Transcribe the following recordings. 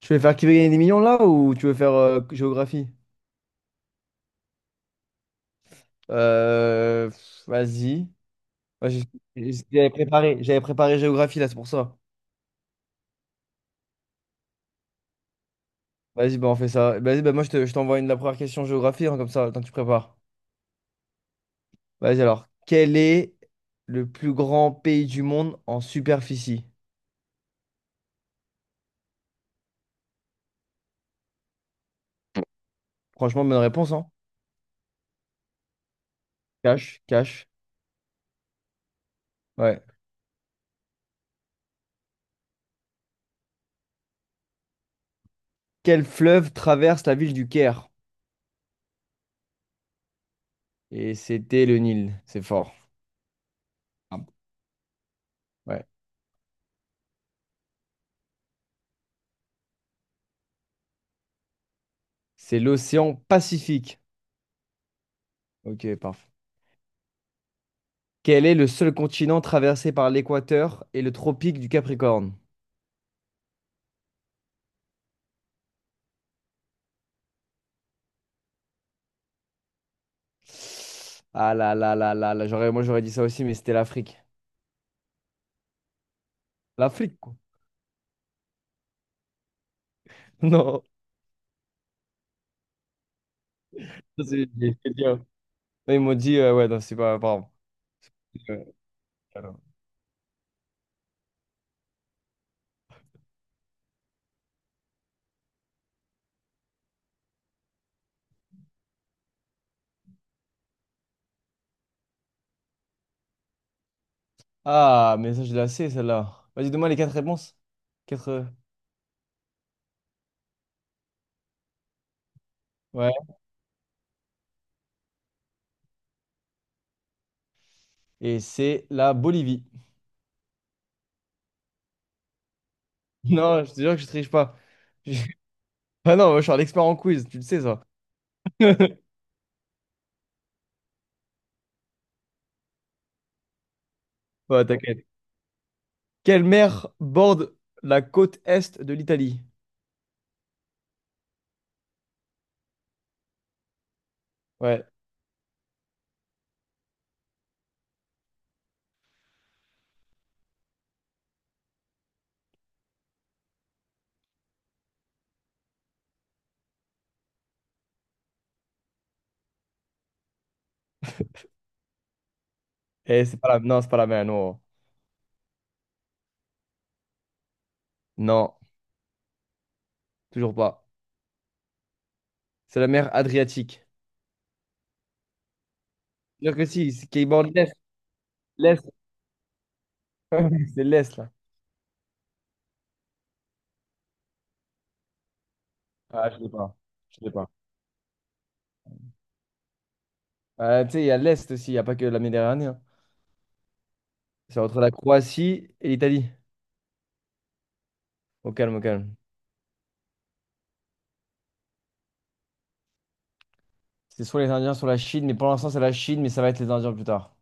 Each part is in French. Tu veux faire qui veut gagner des millions là ou tu veux faire géographie? Vas-y. Moi, j'ai- j'avais préparé géographie là, c'est pour ça. Vas-y, bah, on fait ça. Vas-y, bah, je t'envoie une la première question géographie, hein, comme ça, le temps que tu prépares. Vas-y alors. Quel est le plus grand pays du monde en superficie? Franchement, bonne réponse, hein? Cash, cash. Ouais. Quel fleuve traverse la ville du Caire? C'était le Nil, c'est fort. Ah. Ouais. C'est l'océan Pacifique. Ok, parfait. Quel est le seul continent traversé par l'équateur et le tropique du Capricorne? Ah là là là là là, j'aurais, moi j'aurais dit ça aussi, mais c'était l'Afrique. L'Afrique, quoi. Non. J'ai dit, là, ils m'ont dit, ouais, non, c'est pas, pardon. Euh, alors. Ah, mais ça, je la sais, celle-là. Vas-y, donne-moi les quatre réponses. Quatre. Ouais. Et c'est la Bolivie. Non, je te jure que je triche pas. Ah non, moi, je suis un expert en quiz, tu le sais, ça. Ouais, t'inquiète. Quelle mer borde la côte est de l'Italie? Ouais. Et c'est pas la... Non, c'est pas la mer, non. Non, toujours pas. C'est la mer Adriatique. Dire que si, c'est qui borde l'est. L'est. C'est l'est, là. Ah, je l'ai pas. Je l'ai pas. Tu sais, il y a l'est aussi, il n'y a pas que la Méditerranée, hein. C'est entre la Croatie et l'Italie. Au calme, au calme. C'est soit les Indiens, soit la Chine, mais pour l'instant, c'est la Chine, mais ça va être les Indiens plus tard.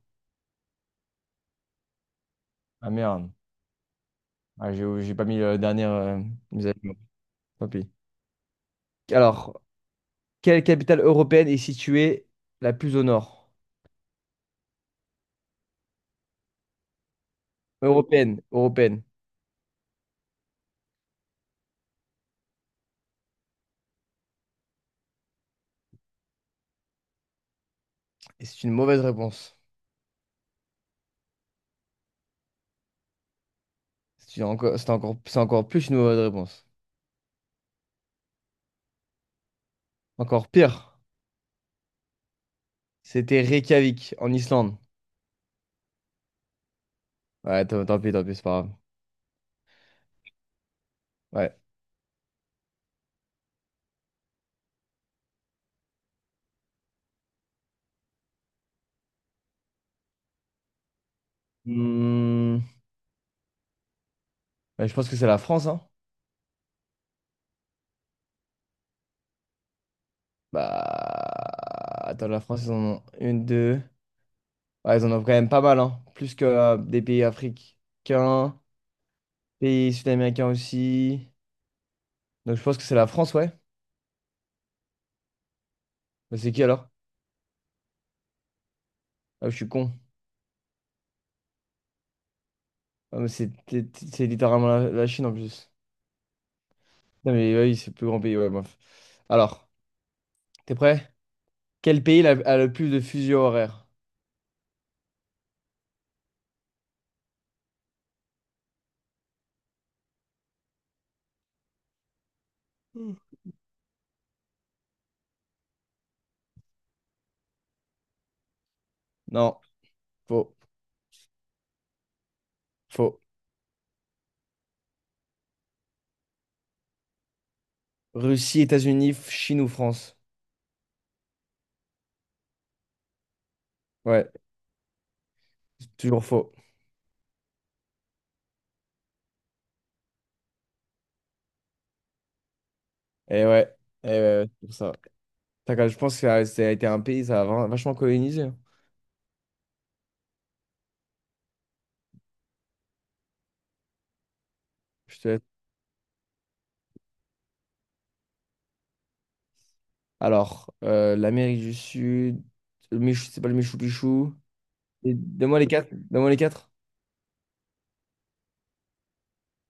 Ah merde. Ah, j'ai pas mis le dernier, mes amis. Tant pis. Alors, quelle capitale européenne est située la plus au nord? Européenne, européenne. Et c'est une mauvaise réponse. C'est encore plus une mauvaise réponse. Encore pire. C'était Reykjavik, en Islande. Ouais, tant pis, c'est pas grave. Ouais. Hmm, bah, je pense que c'est la France, hein. Bah. Attends, la France, ils en ont une, deux. Ouais, ils en ont quand même pas mal, hein. Plus que des pays africains, pays sud-américains aussi. Donc je pense que c'est la France, ouais. Bah, c'est qui alors? Ah, je suis con. Ah, mais c'est c'est- c'est littéralement la Chine en plus. Non, mais oui, c'est le plus grand pays. Ouais, bref. Alors, t'es prêt? A le plus de fuseaux horaires? Non, faux, faux. Chine ou France? Ouais, c'est toujours faux. Et ouais, et ouais, ouais, c'est pour ça. Je pense que ça a été un pays, ça a vachement colonisé, hein. Je te laisse. Alors, l'Amérique du Sud, le Michou, c'est pas le Michou Pichou. Et donne-moi les quatre. Donne-moi les quatre.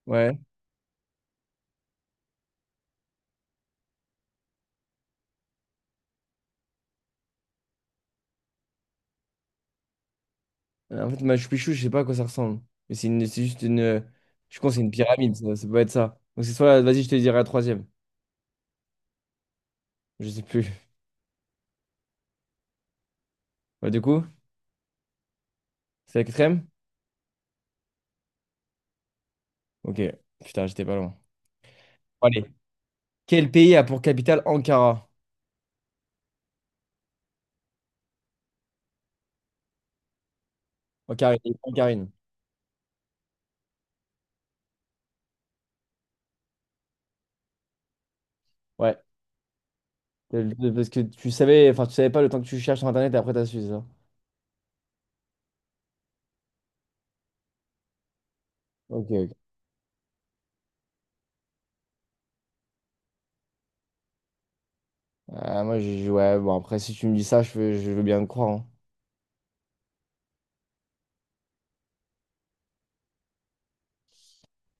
Ouais. En fait, Machu Picchu, je sais pas à quoi ça ressemble. C'est juste une. Je pense que c'est une pyramide, ça peut être ça. Donc c'est soit. Vas-y, je te dirai la troisième. Je sais plus. Bah, du coup, c'est la quatrième? Ok. Putain, j'étais pas loin. Allez. Quel pays a pour capitale Ankara? Ankarine. Ankarine. Ouais. Parce que tu savais, enfin, tu savais pas le temps que tu cherches sur Internet et après t'as su ça. Ok, ok. Ah, moi, je, ouais, bon, après, si tu me dis ça, je veux bien te croire, hein.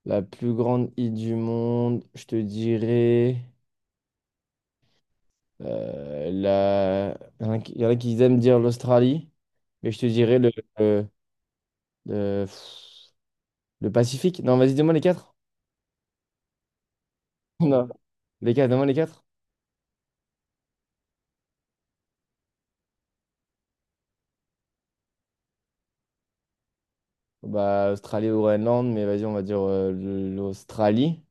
La plus grande île du monde, je te dirais. Il y en a qui aiment dire l'Australie, mais je te dirais le, le- pff, le Pacifique. Non, vas-y, dis-moi les quatre. Non, les quatre, dis-moi les quatre. Bah, Australie ou Groenland, mais vas-y, on va dire l'Australie.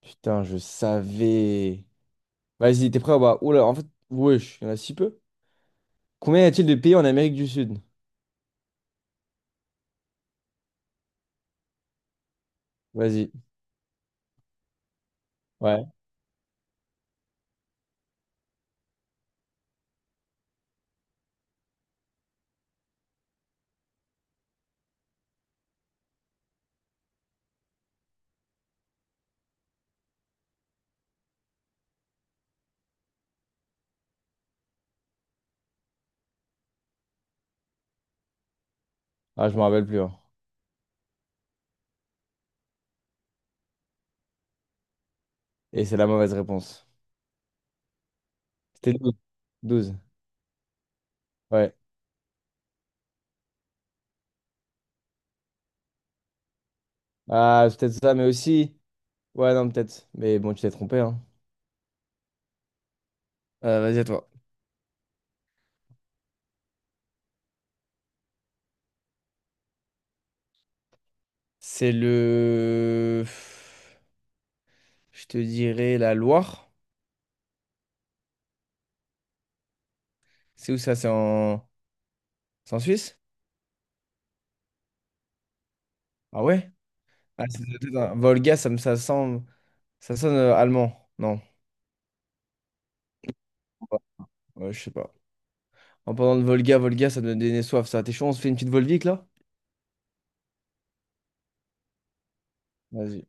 Putain, je savais. Vas-y, t'es prêt ou pas? Oula, en fait, wesh, il y en a si peu. Combien y a-t-il de pays en Amérique du Sud? Vas-y. Ouais. Ah, je me rappelle plus, hein. Et c'est la mauvaise réponse. C'était douze, douze. Ouais. Ah, c'est peut-être ça, mais aussi. Ouais, non, peut-être. Mais bon, tu t'es trompé, hein. Vas-y, à toi. C'est le... Je te dirais la Loire. C'est où ça? C'est en Suisse? Ah ouais? Ah, attends, Volga, ça semble... Ça sonne allemand. Non. Ouais, ouais, je sais pas. En parlant de Volga, Volga, ça me donne des soif, ça. T'es chaud, on se fait une petite Volvic, là? Vas-y.